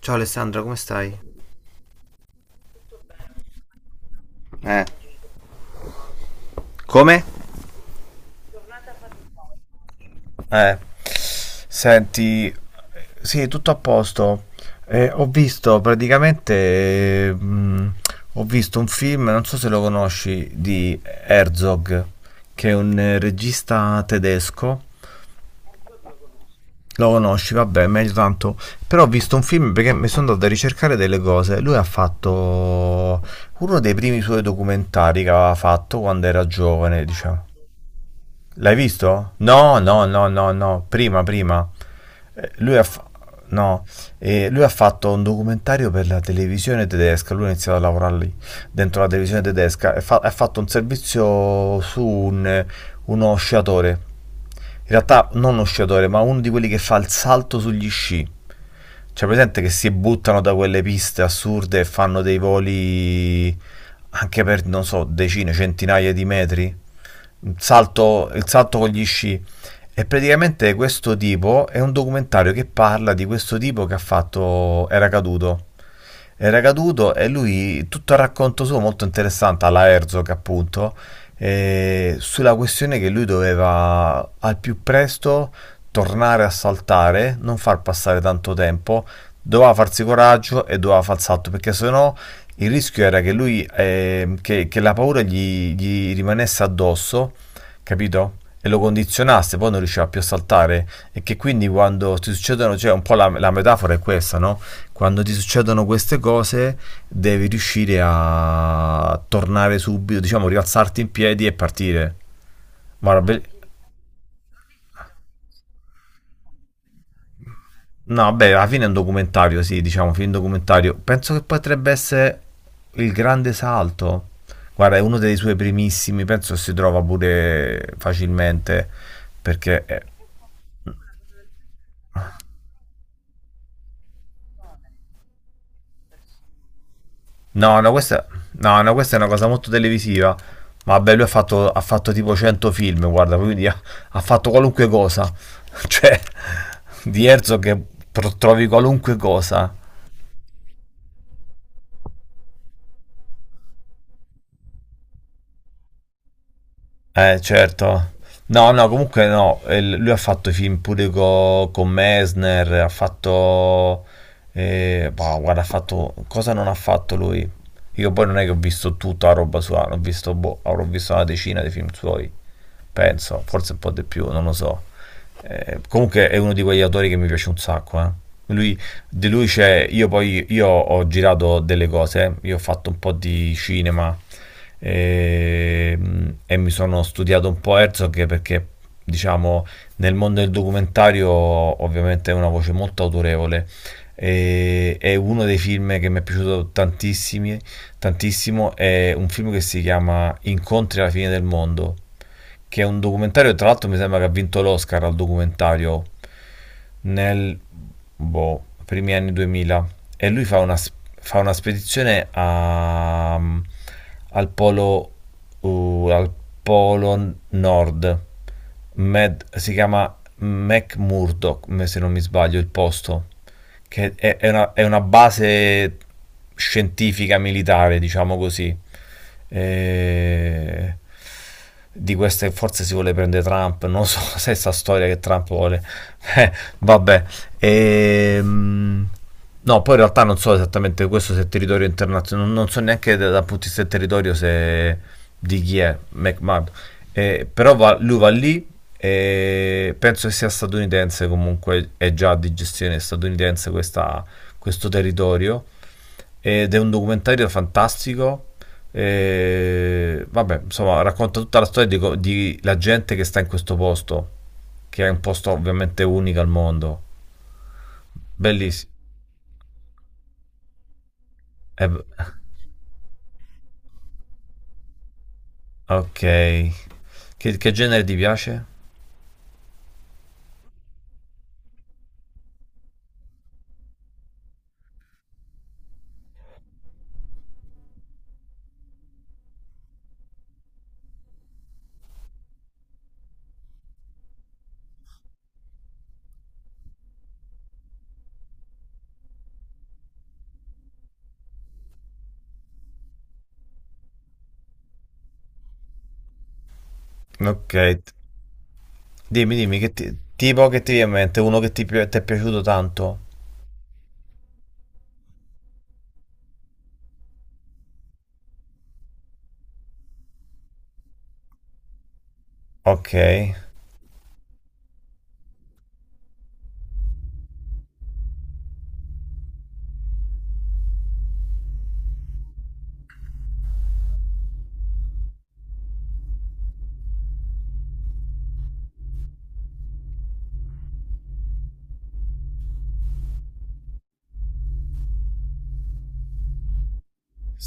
Ciao Alessandra, come stai? Eh. Come? Eh, senti, sì, tutto a posto. Eh, ho visto praticamente, eh, mh, ho visto un film, non so se lo conosci, di Herzog, che è un regista tedesco. Lo conosci, vabbè, meglio tanto. Però ho visto un film perché mi sono andato a ricercare delle cose. Lui ha fatto uno dei primi suoi documentari che aveva fatto quando era giovane, diciamo. L'hai visto? No, no, no, no, no, prima, prima. Eh, Lui ha, fa- no, lui ha fatto un documentario per la televisione tedesca, lui ha iniziato a lavorare lì, dentro la televisione tedesca, e ha fatto un servizio su uno sciatore, in realtà non uno sciatore, ma uno di quelli che fa il salto sugli sci. Cioè, presente che si buttano da quelle piste assurde e fanno dei voli anche per, non so, decine, centinaia di metri? Un salto, il salto con gli sci. E praticamente questo tipo è un documentario che parla di questo tipo che ha fatto, era caduto. Era caduto e lui, tutto il racconto suo molto interessante, alla Herzog appunto, sulla questione che lui doveva al più presto tornare a saltare, non far passare tanto tempo, doveva farsi coraggio e doveva far salto perché sennò il rischio era che lui, che la paura gli rimanesse addosso, capito? E lo condizionasse, poi non riusciva più a saltare. E che quindi quando ti succedono, cioè un po' la metafora è questa, no? Quando ti succedono queste cose, devi riuscire a tornare subito, diciamo, rialzarti in piedi e partire. Ma no, beh, alla fine è un documentario, sì, diciamo, film documentario. Penso che potrebbe essere Il Grande Salto. Guarda, è uno dei suoi primissimi, penso si trova pure facilmente, perché... No, no, questa, no, no, questa è una cosa molto televisiva. Ma vabbè, lui ha fatto tipo 100 film, guarda, quindi ha fatto qualunque cosa. Cioè, di Herzog che trovi qualunque cosa. Certo. No, no, comunque no, lui ha fatto i film pure con Messner, ha fatto... boh, guarda, ha fatto... Cosa non ha fatto lui? Io poi non è che ho visto tutta la roba sua, ho visto, boh, avrò visto una decina di film suoi, penso, forse un po' di più, non lo so. Comunque è uno di quegli autori che mi piace un sacco, eh. Lui, di lui c'è, io ho girato delle cose, eh. Io ho fatto un po' di cinema, e, e mi sono studiato un po' Herzog perché, diciamo, nel mondo del documentario ovviamente è una voce molto autorevole. E, è uno dei film che mi è piaciuto tantissimi, tantissimo, è un film che si chiama Incontri alla fine del mondo che è un documentario, tra l'altro mi sembra che ha vinto l'Oscar al documentario nel boh, primi anni 2000 e lui fa una, spedizione al polo nord. Si chiama McMurdoch, se non mi sbaglio il posto, che è una base scientifica militare diciamo così. E- di queste forse si vuole prendere Trump, non so se è sta storia che Trump vuole. Eh, vabbè. Ehm, no, poi in realtà non so esattamente questo se è territorio internazionale, non so neanche dal punto di vista del territorio se di chi è McMahon. Però lui va lì e penso che sia statunitense comunque, è già di gestione statunitense questo territorio ed è un documentario fantastico. E, vabbè, insomma, racconta tutta la storia di, di la gente che sta in questo posto, che è un posto ovviamente unico al mondo. Bellissimo. Eh, b- ok. Che genere ti piace? Ok. Dimmi, dimmi, tipo che ti viene in mente? Uno che ti è piaciuto tanto? Ok.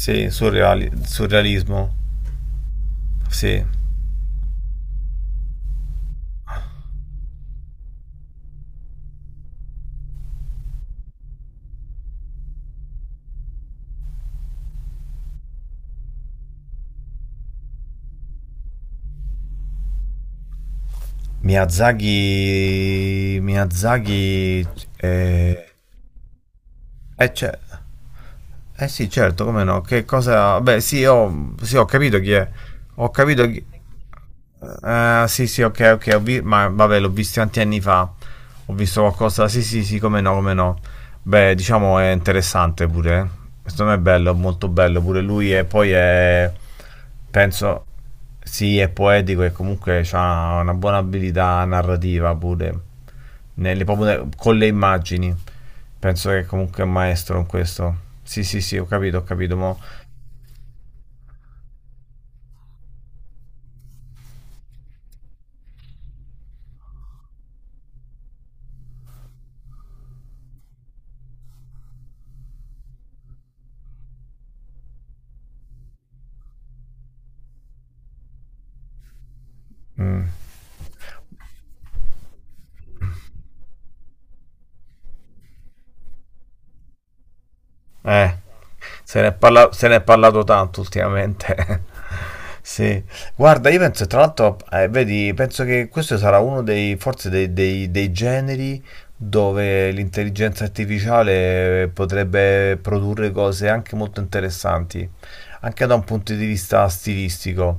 Sì, surrealismo. Sì. Miyazaki... Miyazaki... eh, Eh, ce- eh sì, certo, come no? Che cosa... Beh, sì, ho, sì, ho capito chi è. Ho capito chi... sì, sì, ok, ok, ma vabbè, l'ho visto tanti anni fa. Ho visto qualcosa... Sì, sì, sì, come no, come no. Beh, diciamo è interessante pure. Eh. Secondo me è bello, molto bello pure lui e poi è... Penso... Sì, è poetico e comunque ha una buona abilità narrativa pure con le immagini. Penso che comunque è un maestro in questo. Sì, sì, sì, ho capito, ho capito. Mo. Eh, se ne è parlato tanto ultimamente. Sì, guarda, io penso, tra l'altro, vedi, penso che questo sarà uno dei, forse dei, dei generi dove l'intelligenza artificiale potrebbe produrre cose anche molto interessanti, anche da un punto di vista stilistico,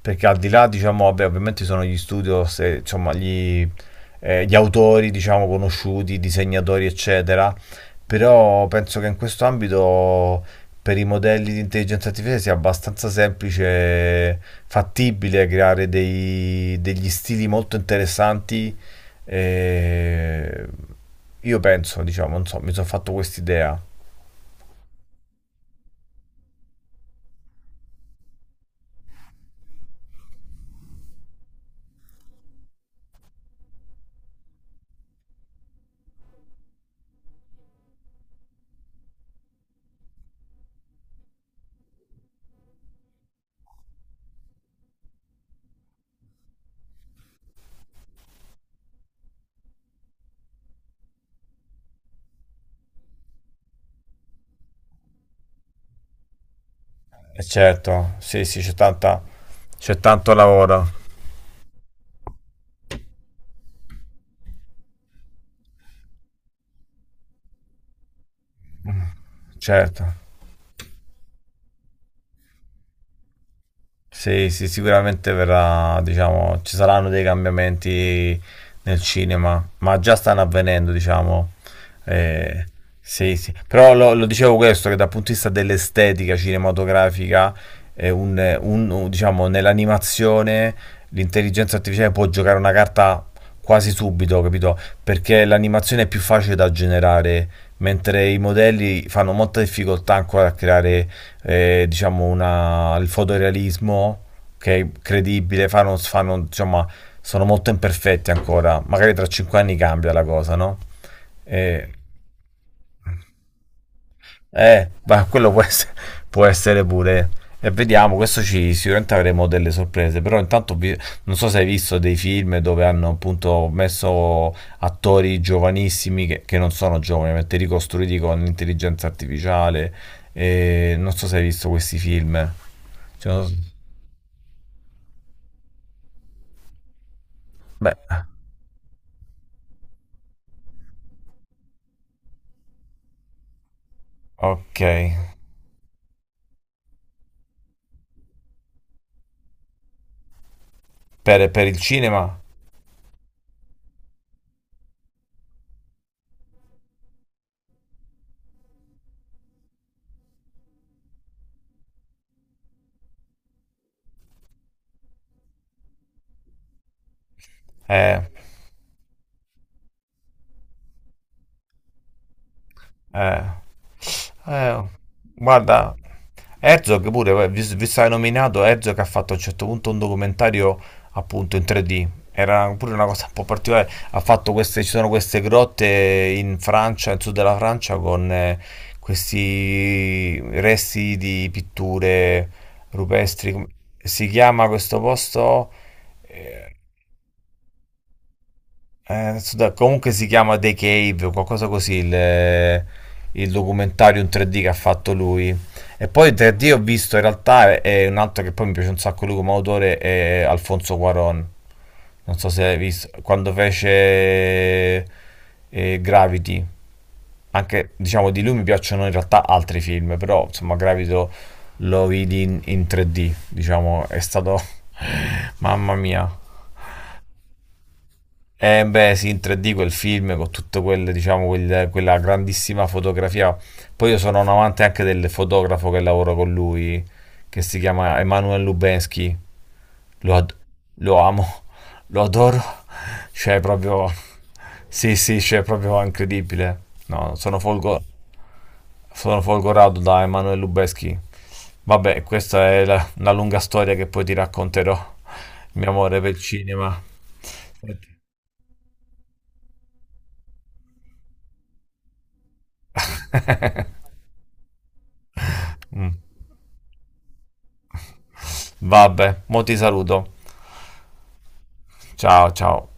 perché al di là, diciamo, vabbè, ovviamente ci sono gli studios, insomma, gli autori, diciamo, conosciuti, disegnatori, eccetera, però penso che in questo ambito per i modelli di intelligenza artificiale sia abbastanza semplice, fattibile creare degli stili molto interessanti. E io penso, diciamo, non so, mi sono fatto quest'idea. E certo, sì, sì, c'è tanta, c'è tanto lavoro. Certo. Sì, sì, sicuramente verrà, diciamo, ci saranno dei cambiamenti nel cinema, ma già stanno avvenendo, diciamo. Eh, sì, sì. Però lo dicevo questo, che dal punto di vista dell'estetica cinematografica, diciamo, nell'animazione l'intelligenza artificiale può giocare una carta quasi subito, capito? Perché l'animazione è più facile da generare, mentre i modelli fanno molta difficoltà ancora a creare diciamo il fotorealismo che è credibile, diciamo, sono molto imperfetti ancora, magari tra 5 anni cambia la cosa, no? E... Ma quello può essere pure. E vediamo, questo ci sicuramente avremo delle sorprese, però intanto non so se hai visto dei film dove hanno appunto messo attori giovanissimi che non sono giovani, ovviamente ricostruiti con l'intelligenza artificiale. E non so se hai visto questi film. Cioè, non so- beh, ok. Per il cinema? Eh, eh. Eh, guarda, Herzog pure, vi sai nominato, Herzog ha fatto a un certo punto un documentario appunto in 3D. Era pure una cosa un po' particolare. Ha fatto queste, ci sono queste grotte in Francia, nel sud della Francia, con questi resti di pitture rupestri. Si chiama questo posto? Eh, adesso comunque si chiama The Cave o qualcosa così il documentario in 3D che ha fatto lui. E poi in 3D ho visto in realtà è un altro che poi mi piace un sacco lui come autore è Alfonso Cuarón. Non so se hai visto quando fece Gravity. Anche diciamo di lui mi piacciono in realtà altri film, però insomma Gravity lo vidi in 3D, diciamo, è stato mamma mia. Eh beh, sì, in 3D quel film con tutto quel, diciamo, quella grandissima fotografia. Poi io sono un amante anche del fotografo che lavoro con lui, che si chiama Emanuel Lubensky. Lo, ad- lo amo, lo adoro. Cioè, proprio... Sì, sì, cioè, proprio incredibile. No, sono folgorato da Emanuel Lubensky. Vabbè, questa è una lunga storia che poi ti racconterò, il mio amore per il cinema. Mm. Vabbè, mo ti saluto. Ciao, ciao.